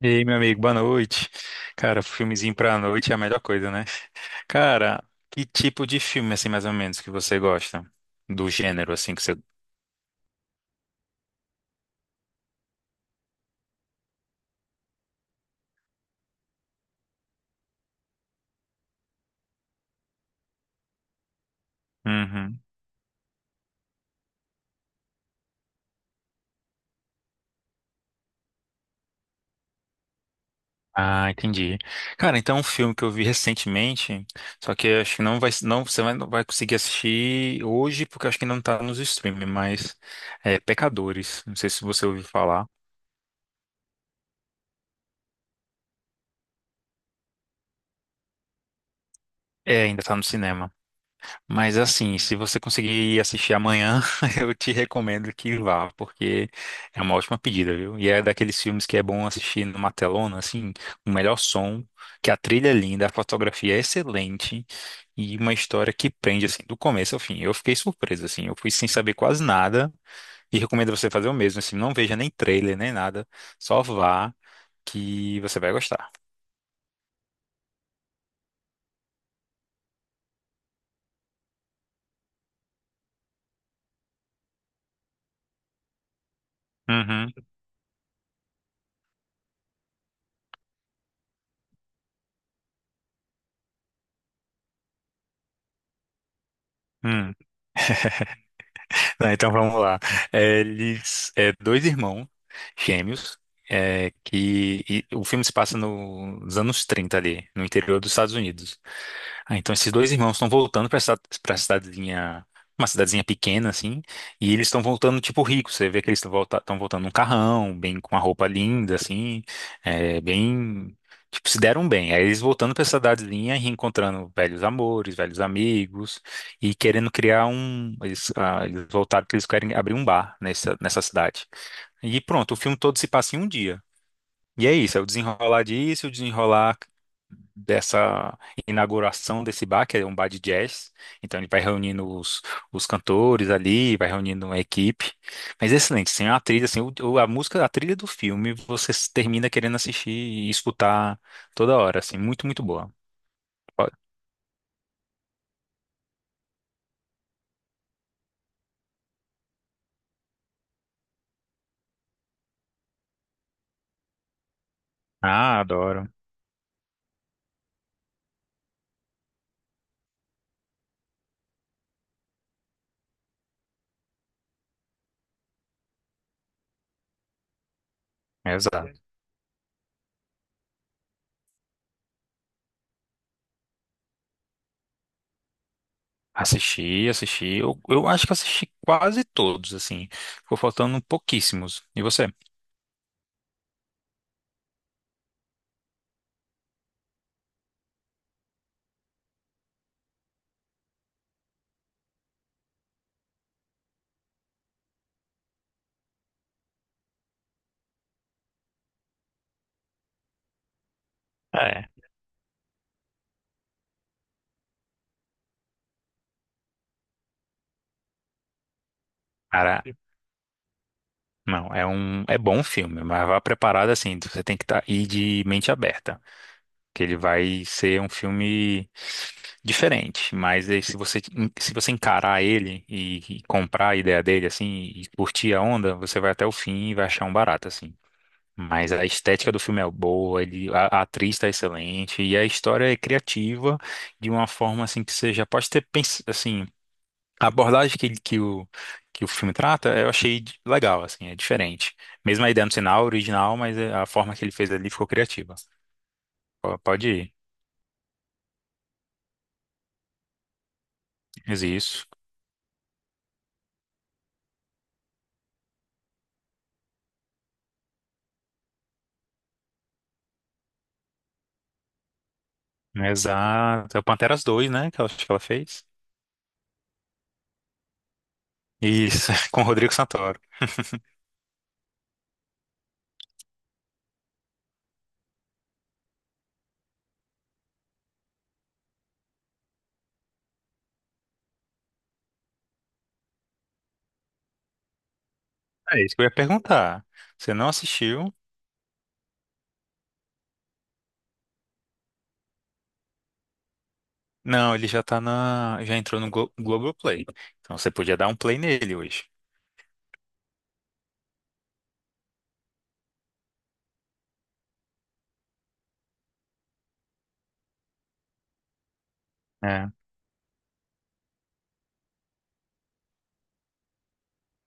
E aí, meu amigo, boa noite. Cara, filmezinho pra noite é a melhor coisa, né? Cara, que tipo de filme, assim, mais ou menos, que você gosta? Do gênero, assim, que você. Uhum. Ah, entendi. Cara, então um filme que eu vi recentemente, só que eu acho que não vai, não, não vai conseguir assistir hoje, porque eu acho que não tá nos streaming, mas é Pecadores. Não sei se você ouviu falar. É, ainda tá no cinema. Mas assim, se você conseguir assistir amanhã, eu te recomendo que vá, porque é uma ótima pedida, viu? E é daqueles filmes que é bom assistir numa telona, assim, o melhor som, que a trilha é linda, a fotografia é excelente e uma história que prende, assim, do começo ao fim. Eu fiquei surpreso, assim, eu fui sem saber quase nada e recomendo você fazer o mesmo, assim, não veja nem trailer, nem nada, só vá que você vai gostar. Uhum. Não, então vamos lá. É, eles, é, dois irmãos gêmeos, é, que e o filme se passa nos anos 30 ali, no interior dos Estados Unidos. Ah, então esses dois irmãos estão voltando para essa para cidadezinha, uma cidadezinha pequena assim, e eles estão voltando tipo ricos. Você vê que eles estão tão voltando num carrão, bem com uma roupa linda assim, é, bem tipo se deram bem. Aí eles voltando para essa cidadezinha e reencontrando velhos amores, velhos amigos e querendo criar um, eles, ah, eles voltaram que eles querem abrir um bar nessa cidade. E pronto, o filme todo se passa em um dia. E é isso, é o desenrolar disso, o desenrolar dessa inauguração desse bar, que é um bar de jazz. Então ele vai reunindo os cantores ali, vai reunindo uma equipe. Mas é excelente, sem a trilha, assim, a música, a trilha do filme, você s- termina querendo assistir e escutar toda hora, assim, muito, muito boa. Ó, Ah, adoro. Exato. Assisti, assisti. Eu acho que assisti quase todos, assim. Ficou faltando pouquíssimos. E você? É. Cara, Não, é bom filme, mas vá preparado assim, você tem que tá, ir de mente aberta, que ele vai ser um filme diferente, mas aí se você se você encarar ele e, comprar a ideia dele assim e curtir a onda, você vai até o fim e vai achar um barato assim. Mas a estética do filme é boa, ele, a atriz está excelente e a história é criativa de uma forma assim que você já pode ter pensado assim a abordagem que, que o filme trata, eu achei legal, assim, é diferente. Mesmo a ideia não sinal original, mas é, a forma que ele fez ali ficou criativa. Pode ir. Mas isso. Exato. É o Panteras Dois, né? Que eu acho que ela fez. Isso, com o Rodrigo Santoro. É isso que eu ia perguntar. Você não assistiu? Não, ele já tá na. Já entrou no Globoplay. Então você podia dar um play nele hoje. É.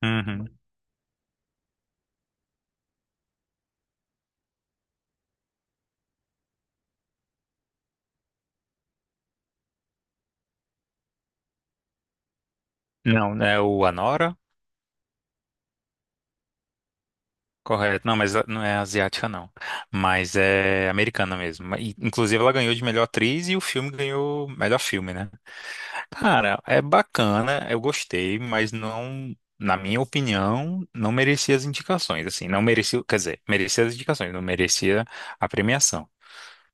Uhum. Não, é o Anora? Correto. Não, mas não é asiática, não. Mas é americana mesmo. E, inclusive, ela ganhou de melhor atriz e o filme ganhou melhor filme, né? Cara, é bacana, eu gostei, mas não, na minha opinião, não merecia as indicações, assim. Não merecia, quer dizer, merecia as indicações, não merecia a premiação.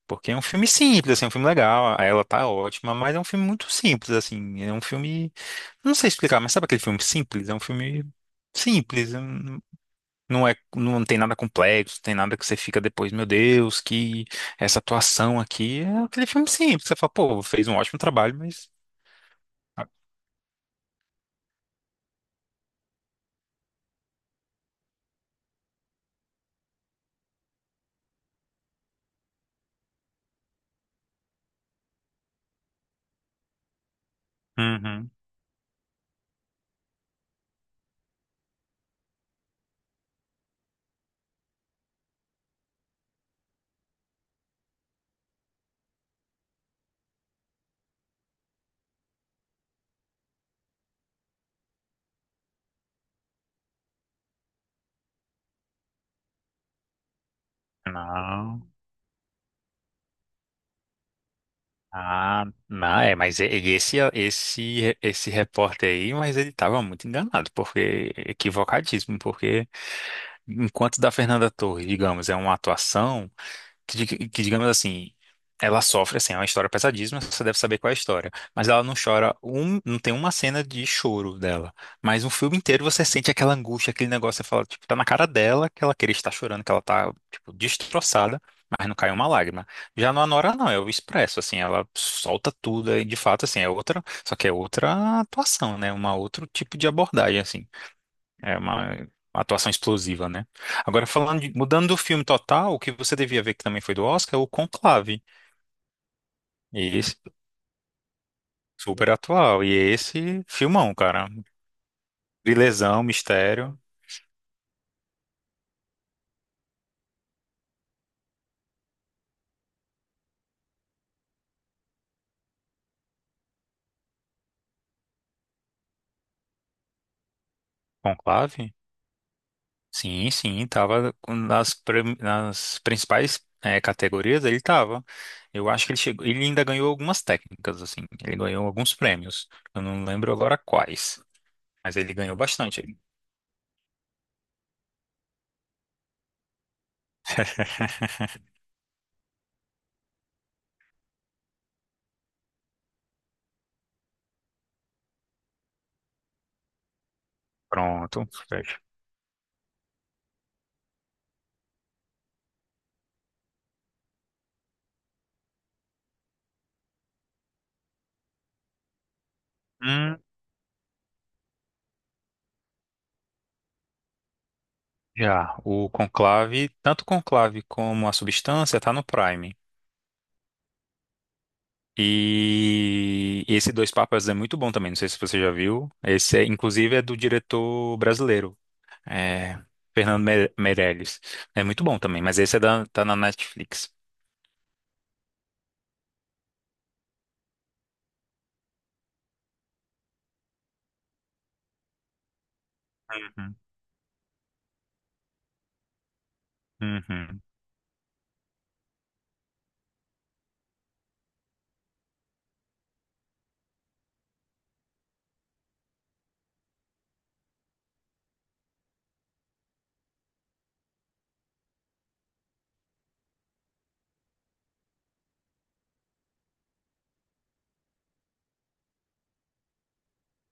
Porque é um filme simples, assim, é um filme legal, ela tá ótima, mas é um filme muito simples, assim. É um filme. Não sei explicar, mas sabe aquele filme simples? É um filme simples. Não é, não tem nada complexo, tem nada que você fica depois, meu Deus, que essa atuação aqui é aquele filme simples. Você fala, pô, fez um ótimo trabalho, mas. Ah. Uhum. Não. Ah, não, é, mas e esse repórter aí, mas ele tava muito enganado, porque equivocadíssimo, porque enquanto da Fernanda Torres, digamos, é uma atuação. Que, digamos assim, ela sofre, assim, é uma história pesadíssima, você deve saber qual é a história. Mas ela não chora, não tem uma cena de choro dela. Mas o filme inteiro você sente aquela angústia, aquele negócio, você fala, tipo, tá na cara dela que ela queria estar chorando, que ela tá, tipo, destroçada, mas não cai uma lágrima. Já no Anora, não, é o expresso, assim, ela solta tudo, e de fato, assim, é outra, só que é outra atuação, né? Uma outro tipo de abordagem, assim. É uma atuação explosiva, né? Agora, mudando do filme total, o que você devia ver que também foi do Oscar é o Conclave. E esse super atual. E esse filmão, cara. Vilesão, mistério. Conclave? Sim, sim, tava nas principais categorias, ele tava. Eu acho que ele chegou, ele ainda ganhou algumas técnicas, assim. Ele ganhou alguns prêmios. Eu não lembro agora quais, mas ele ganhou bastante. Pronto, fecha. Já, o Conclave, tanto o Conclave como a Substância tá no Prime. E esse Dois Papas é muito bom também, não sei se você já viu. Esse é, inclusive é do diretor brasileiro, é, Meirelles. É muito bom também, mas esse é da, tá na Netflix. Uhum, uhum,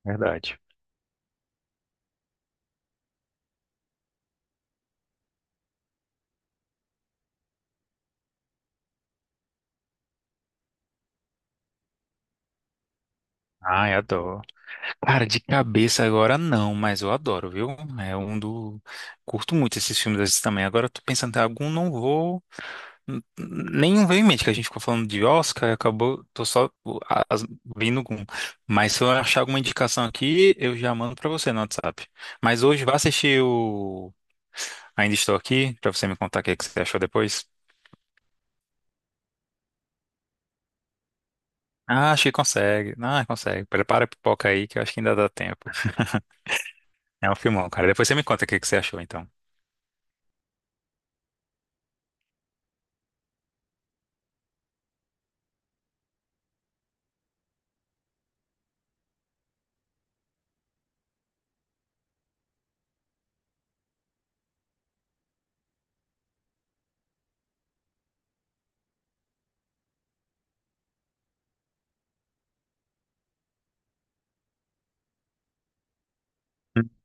verdade. Ai, adoro. Cara, de cabeça agora não, mas eu adoro, viu? É um do. Curto muito esses filmes desses também. Agora eu tô pensando em algum, não vou. Nenhum veio em mente que a gente ficou falando de Oscar, e acabou, tô só vindo com. Mas se eu achar alguma indicação aqui, eu já mando pra você no WhatsApp. Mas hoje vá assistir o Ainda Estou Aqui, pra você me contar o que que você achou depois. Ah, acho que consegue. Ah, consegue. Prepara a pipoca aí, que eu acho que ainda dá tempo. É um filmão, cara. Depois você me conta o que que você achou, então.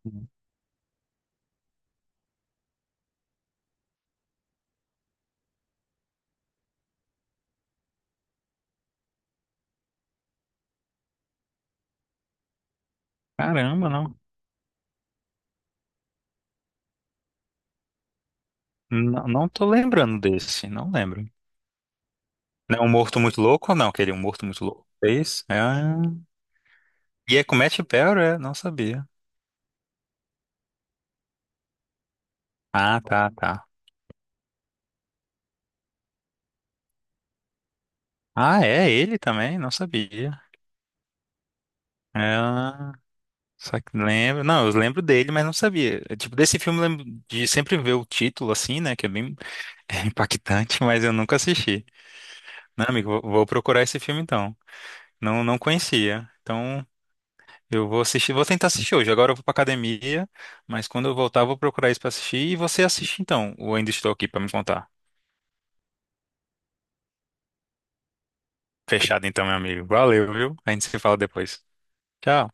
Uhum. Caramba, não. Não, não tô lembrando desse, não lembro. Não é um morto muito louco ou não? Aquele um morto muito louco. Fez. Ah. E é com Matt Perry, é? Não sabia. Ah, tá, tá. Ah, é ele também? Não sabia. É. Só que lembro, não, eu lembro dele, mas não sabia. É, tipo, desse filme eu lembro de sempre ver o título assim, né, que é bem impactante, mas eu nunca assisti. Não, amigo, vou procurar esse filme então. Não, não conhecia. Então, eu vou assistir, vou tentar assistir hoje. Agora eu vou pra academia, mas quando eu voltar eu vou procurar isso pra assistir e você assiste então. O ainda estou aqui pra me contar. Fechado então, meu amigo. Valeu, viu? A gente se fala depois. Tchau.